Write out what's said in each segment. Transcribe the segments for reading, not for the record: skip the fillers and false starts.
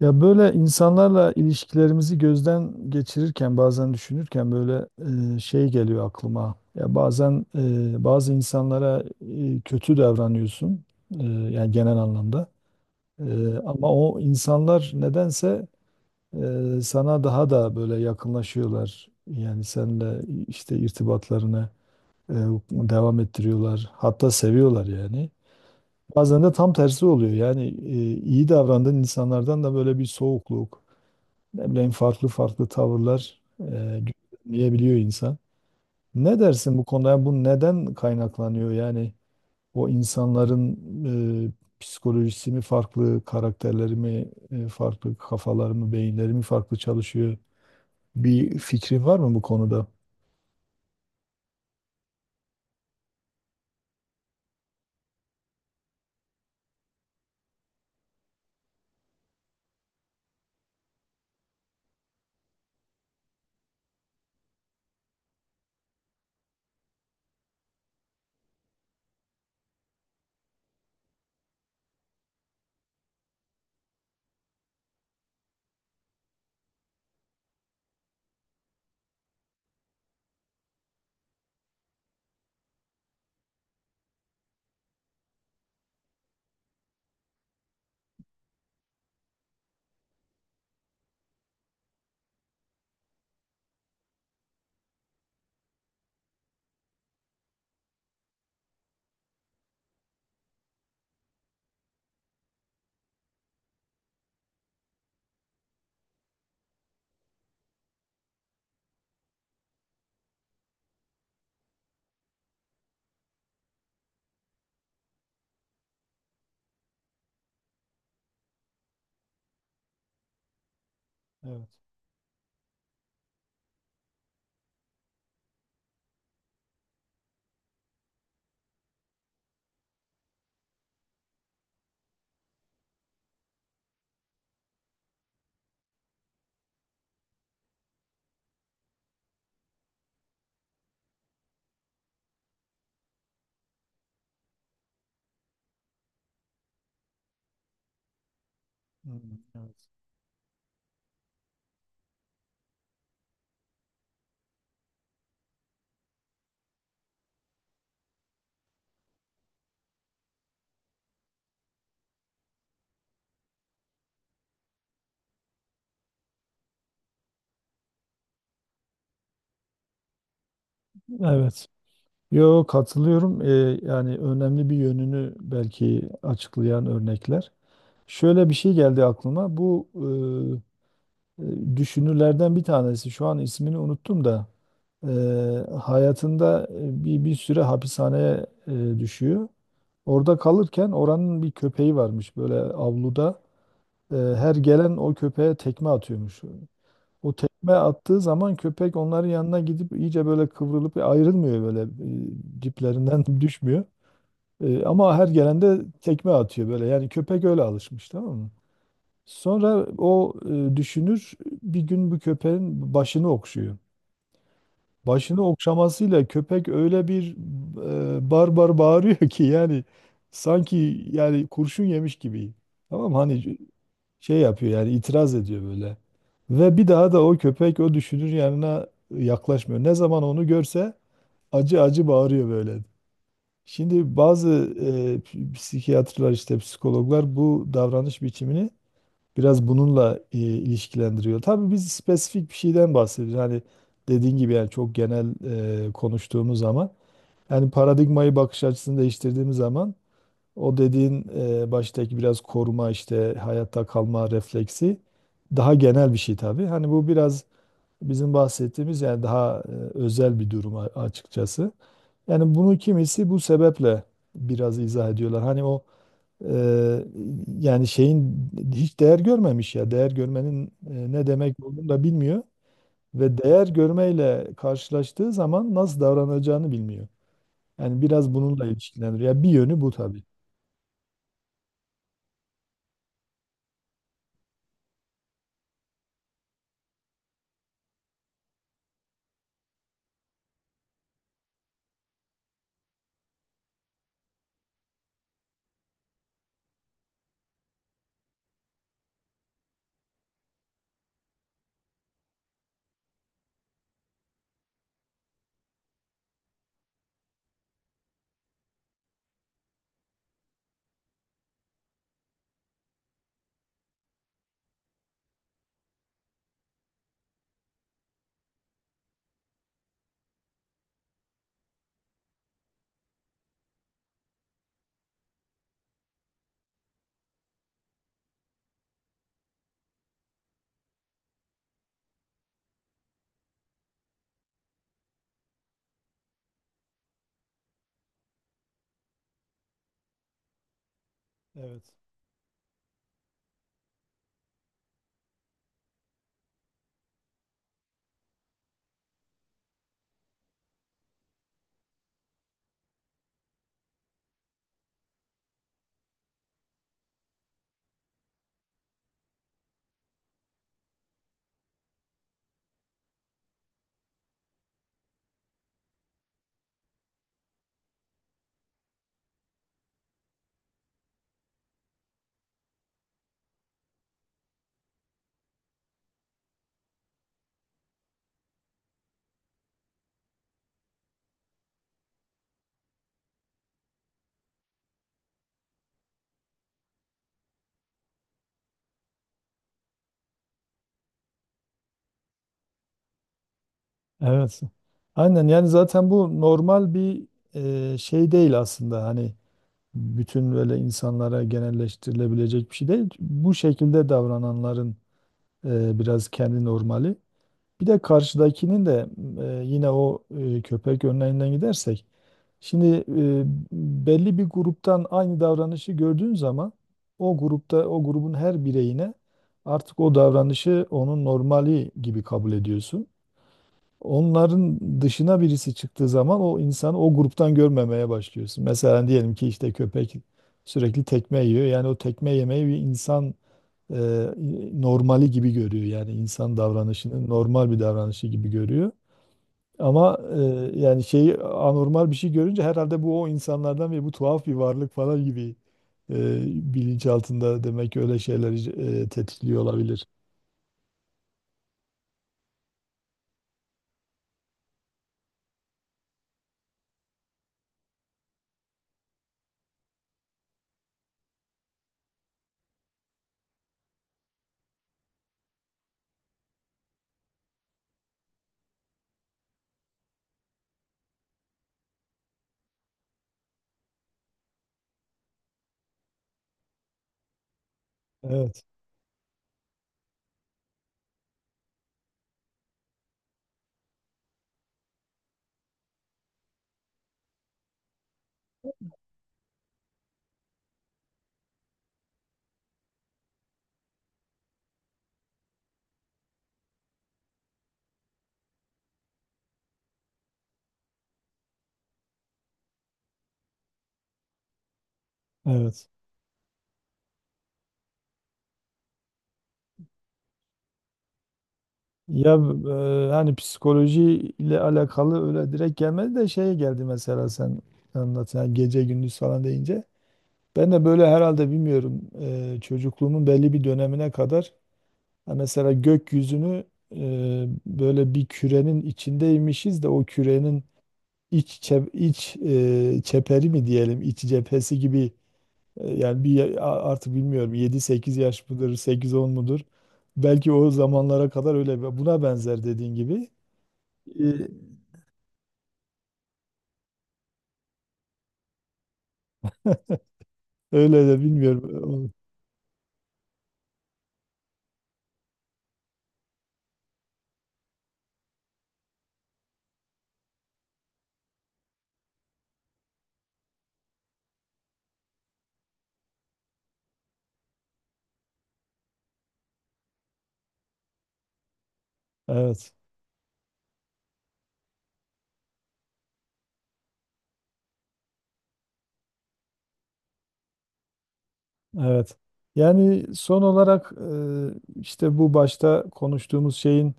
Ya böyle insanlarla ilişkilerimizi gözden geçirirken bazen düşünürken böyle şey geliyor aklıma. Ya bazen bazı insanlara kötü davranıyorsun, yani genel anlamda. Ama o insanlar nedense sana daha da böyle yakınlaşıyorlar. Yani seninle işte irtibatlarını e, devam ettiriyorlar. Hatta seviyorlar yani. Bazen de tam tersi oluyor. Yani iyi davrandığın insanlardan da böyle bir soğukluk, ne bileyim, farklı farklı tavırlar gözlemleyebiliyor insan. Ne dersin bu konuda? Yani bu neden kaynaklanıyor? Yani o insanların psikolojisi mi farklı, karakterleri mi farklı, kafaları mı, beyinleri mi farklı çalışıyor? Bir fikrin var mı bu konuda? Evet. Hmm, evet. Evet. Yo, katılıyorum. Yani önemli bir yönünü belki açıklayan örnekler. Şöyle bir şey geldi aklıma. Bu e, düşünürlerden bir tanesi. Şu an ismini unuttum da e, hayatında bir süre hapishaneye düşüyor. Orada kalırken oranın bir köpeği varmış böyle avluda. Her gelen o köpeğe tekme atıyormuş. O tekme attığı zaman köpek onların yanına gidip iyice böyle kıvrılıp ayrılmıyor böyle, diplerinden düşmüyor. Ama her gelende tekme atıyor böyle. Yani köpek öyle alışmış, tamam mı? Sonra o düşünür bir gün bu köpeğin başını okşuyor. Başını okşamasıyla köpek öyle bir barbar bağırıyor ki, yani sanki yani kurşun yemiş gibi. Tamam mı? Hani şey yapıyor yani, itiraz ediyor böyle. Ve bir daha da o köpek o düşünür yanına yaklaşmıyor. Ne zaman onu görse acı acı bağırıyor böyle. Şimdi bazı psikiyatrlar, işte psikologlar, bu davranış biçimini biraz bununla ilişkilendiriyor. Tabii biz spesifik bir şeyden bahsediyoruz. Hani dediğin gibi, yani çok genel konuştuğumuz zaman, yani paradigmayı, bakış açısını değiştirdiğimiz zaman, o dediğin baştaki biraz koruma, işte hayatta kalma refleksi, daha genel bir şey tabii. Hani bu biraz bizim bahsettiğimiz yani daha özel bir durum, açıkçası. Yani bunu kimisi bu sebeple biraz izah ediyorlar. Hani o, Eee, yani şeyin hiç değer görmemiş ya. Değer görmenin ne demek olduğunu da bilmiyor ve değer görmeyle karşılaştığı zaman nasıl davranacağını bilmiyor. Yani biraz bununla ilişkilendiriyor. Ya, bir yönü bu tabii. Evet. Evet. Aynen, yani zaten bu normal bir şey değil aslında. Hani bütün böyle insanlara genelleştirilebilecek bir şey değil. Bu şekilde davrananların biraz kendi normali. Bir de karşıdakinin de yine o köpek örneğinden gidersek, şimdi belli bir gruptan aynı davranışı gördüğün zaman, o grupta, o grubun her bireyine artık o davranışı onun normali gibi kabul ediyorsun. Onların dışına birisi çıktığı zaman o insanı o gruptan görmemeye başlıyorsun. Mesela diyelim ki işte köpek sürekli tekme yiyor. Yani o tekme yemeyi bir insan e, normali gibi görüyor. Yani insan davranışını normal bir davranışı gibi görüyor. Ama yani şeyi, anormal bir şey görünce, herhalde bu o insanlardan ve bu tuhaf bir varlık falan gibi e, bilinçaltında demek ki öyle şeyler tetikliyor olabilir. Evet, evet. Ya, hani psikoloji ile alakalı öyle direkt gelmedi de şeye geldi, mesela sen anlat yani, gece gündüz falan deyince. Ben de böyle herhalde, bilmiyorum, çocukluğumun belli bir dönemine kadar. Ha, mesela gökyüzünü böyle bir kürenin içindeymişiz de, o kürenin iç çeperi mi diyelim, iç cephesi gibi, yani bir artık bilmiyorum, yedi sekiz yaş mıdır, sekiz on mudur? Belki o zamanlara kadar öyle buna benzer, dediğin gibi. E, Öyle de bilmiyorum. Evet. Evet. Yani son olarak işte bu başta konuştuğumuz şeyin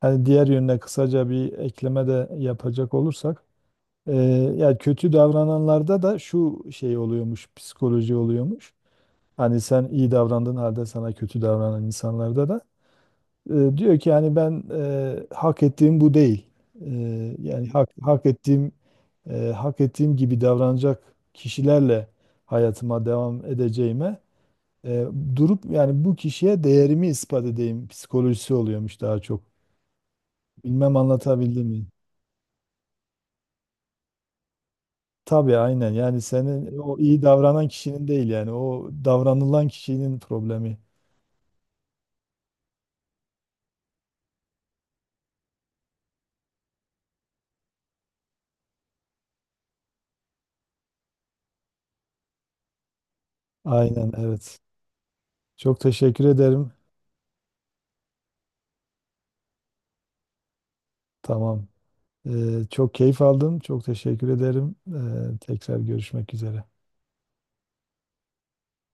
hani diğer yönüne kısaca bir ekleme de yapacak olursak, Ee, yani kötü davrananlarda da şu şey oluyormuş, psikoloji oluyormuş. Hani sen iyi davrandığın halde sana kötü davranan insanlarda da diyor ki yani ben, hak ettiğim bu değil. E, Yani hak ettiğim gibi davranacak kişilerle hayatıma devam edeceğime, e, durup yani bu kişiye değerimi ispat edeyim psikolojisi oluyormuş daha çok. Bilmem anlatabildim mi? Tabii, aynen yani, senin o iyi davranan kişinin değil, yani o davranılan kişinin problemi. Aynen, evet. Çok teşekkür ederim. Tamam. Çok keyif aldım. Çok teşekkür ederim. Tekrar görüşmek üzere.